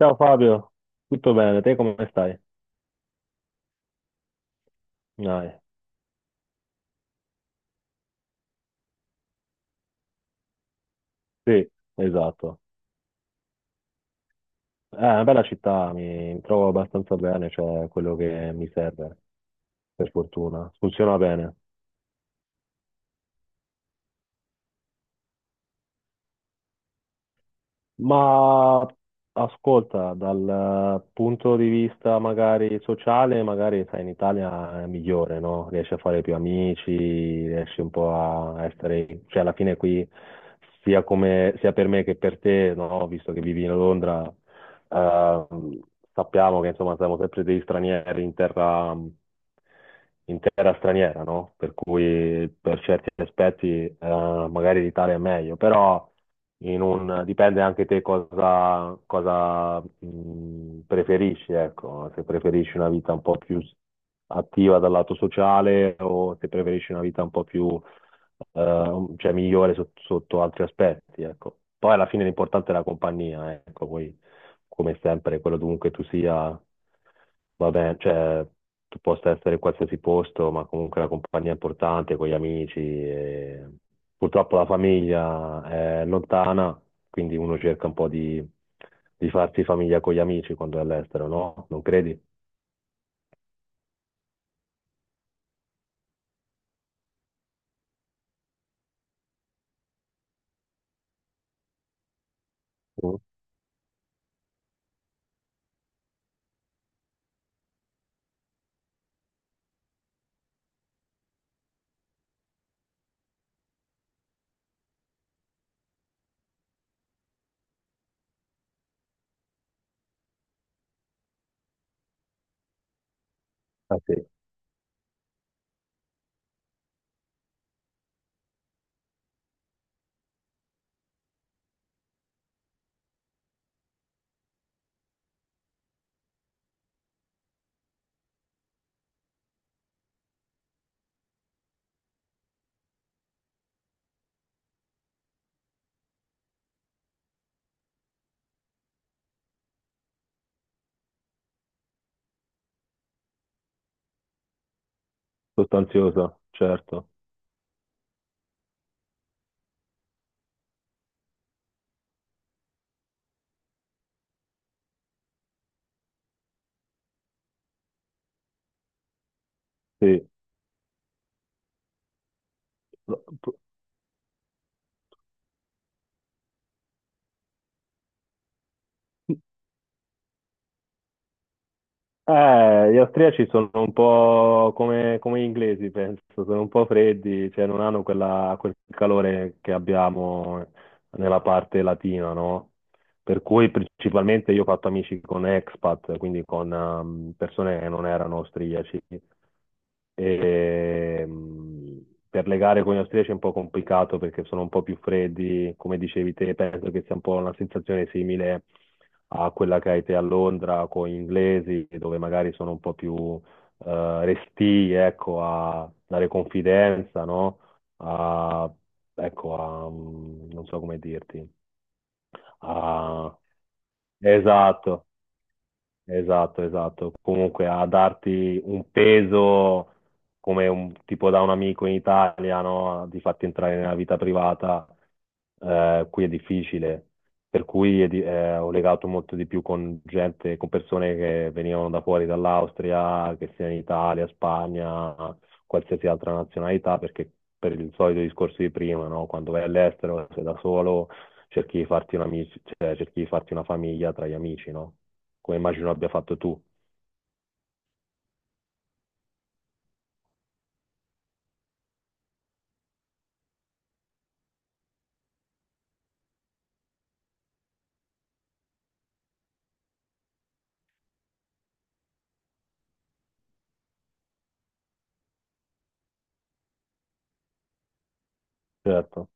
Ciao Fabio, tutto bene? Te come stai? Dai, sì, esatto. È una bella città, mi trovo abbastanza bene, cioè quello che mi serve, per fortuna. Funziona bene. Ma ascolta, dal punto di vista magari sociale, magari sai, in Italia è migliore, no? Riesci a fare più amici, riesci un po' a essere, cioè alla fine qui, sia come, sia per me che per te, no? Visto che vivi a Londra. Ehm, Sappiamo che insomma siamo sempre degli stranieri in terra straniera, no? Per cui per certi aspetti magari l'Italia è meglio, però dipende anche te cosa, cosa preferisci, ecco, se preferisci una vita un po' più attiva dal lato sociale o se preferisci una vita un po' più cioè migliore sotto altri aspetti, ecco. Poi alla fine l'importante è la compagnia, ecco, poi come sempre, quello dovunque tu sia, va bene, cioè tu possa essere in qualsiasi posto, ma comunque la compagnia è importante, con gli amici. Purtroppo la famiglia è lontana, quindi uno cerca un po' di farsi famiglia con gli amici quando è all'estero, no? Non credi? Mm. Ah sì, sostanziosa, certo. Sì. Gli austriaci sono un po' come, come gli inglesi, penso, sono un po' freddi, cioè non hanno quel calore che abbiamo nella parte latina, no? Per cui principalmente io ho fatto amici con expat, quindi con persone che non erano austriaci. E, per legare con gli austriaci è un po' complicato perché sono un po' più freddi, come dicevi te, penso che sia un po' una sensazione simile a quella che hai te a Londra con gli inglesi, dove magari sono un po' più restii, ecco, a dare confidenza, no? A, ecco, non so come dirti. A, esatto. Esatto, esatto. Comunque a darti un peso come un tipo da un amico in Italia, no? Di farti entrare nella vita privata, qui è difficile. Per cui è ho legato molto di più con gente, con persone che venivano da fuori, dall'Austria, che sia in Italia, Spagna, qualsiasi altra nazionalità, perché per il solito discorso di prima, no? Quando vai all'estero, sei da solo, cerchi di farti cioè, cerchi di farti una famiglia tra gli amici, no? Come immagino abbia fatto tu. Certo.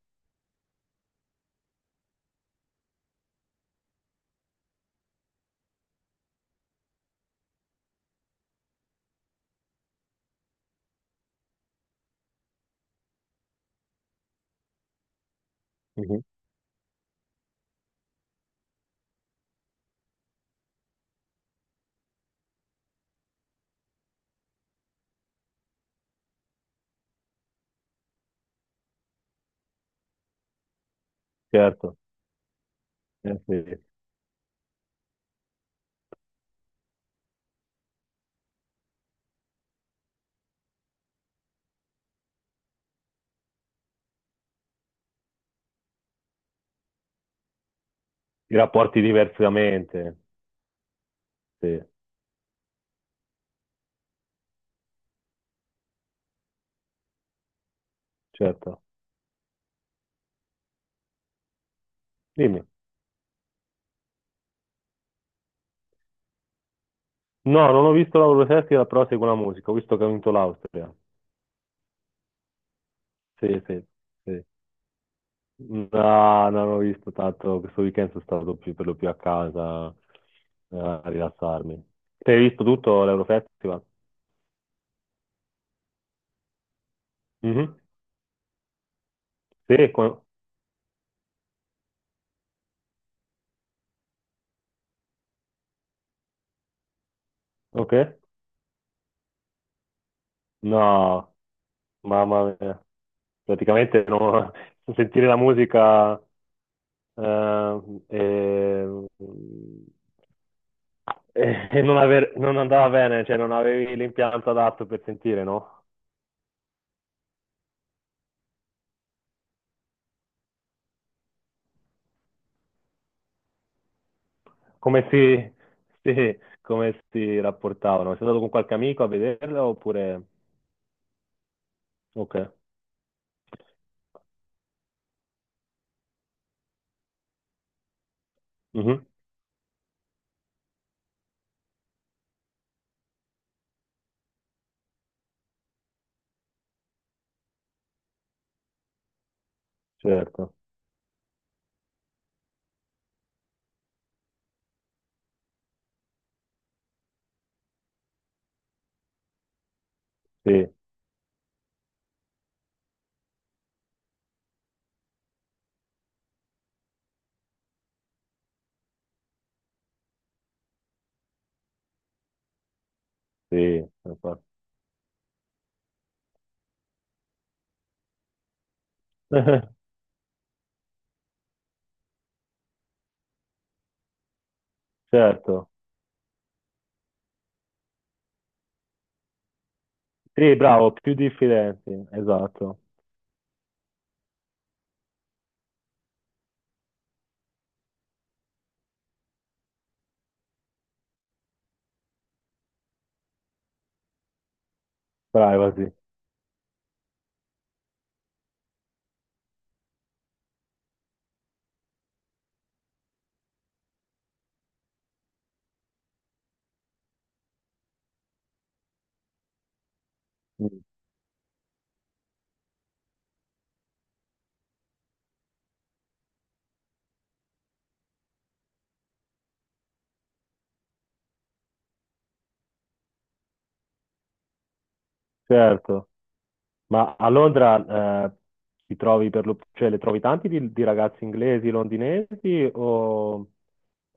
Mhm. Certo, sì. I rapporti diversamente, sì, certo. Dimmi. No, non ho visto l'Euro Festival, però seguo la musica, ho visto che ha vinto l'Austria. Sì, sì, sì. No, non ho visto tanto, questo weekend sono stato per lo più a casa a rilassarmi. Te hai visto tutto l'Euro Festival? Mhm. Sì, con... ok. No, mamma mia. Praticamente non sentire la musica eh, e, e non, non andava bene, cioè non avevi l'impianto adatto per sentire, no? Come si, sì, come si rapportavano? Sei andato con qualche amico a vederlo oppure... Ok. Mhm. Certo, sì, sì, infatti. Certo, sì, bravo, più diffidenti, esatto, privacy. Mm. Certo. Ma a Londra ti trovi per lo, cioè, le trovi tanti di ragazzi inglesi, londinesi o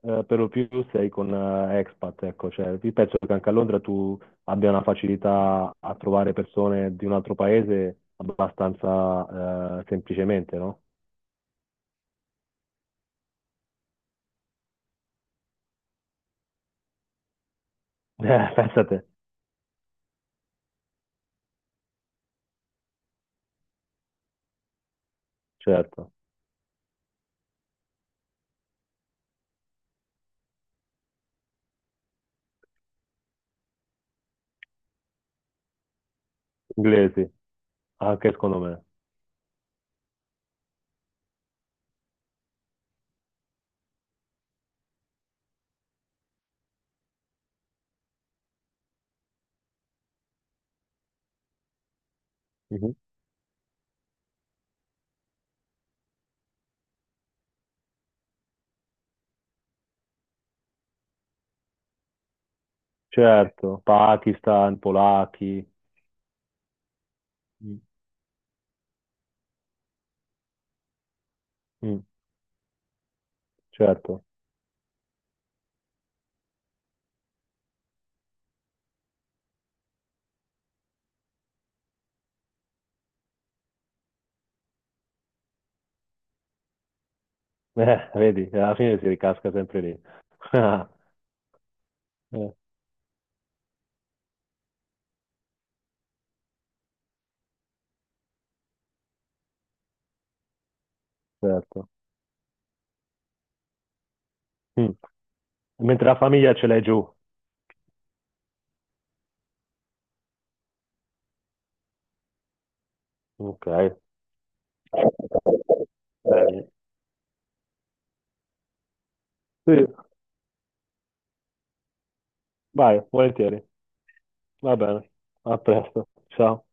per lo più sei con expat? Ecco, cioè, io penso che anche a Londra tu abbia una facilità a trovare persone di un altro paese abbastanza semplicemente, no? Pensa te, certo, inglesi, anche secondo me. Mhm. Certo, Pakistan, polacchi. Mm. Mm, certo. Vedi, alla fine si ricasca sempre lì. Ah, eh, certo. Mm. Mentre la famiglia ce l'hai giù. Ok. Eh, sì, vai, volentieri. Va bene. A presto. Ciao.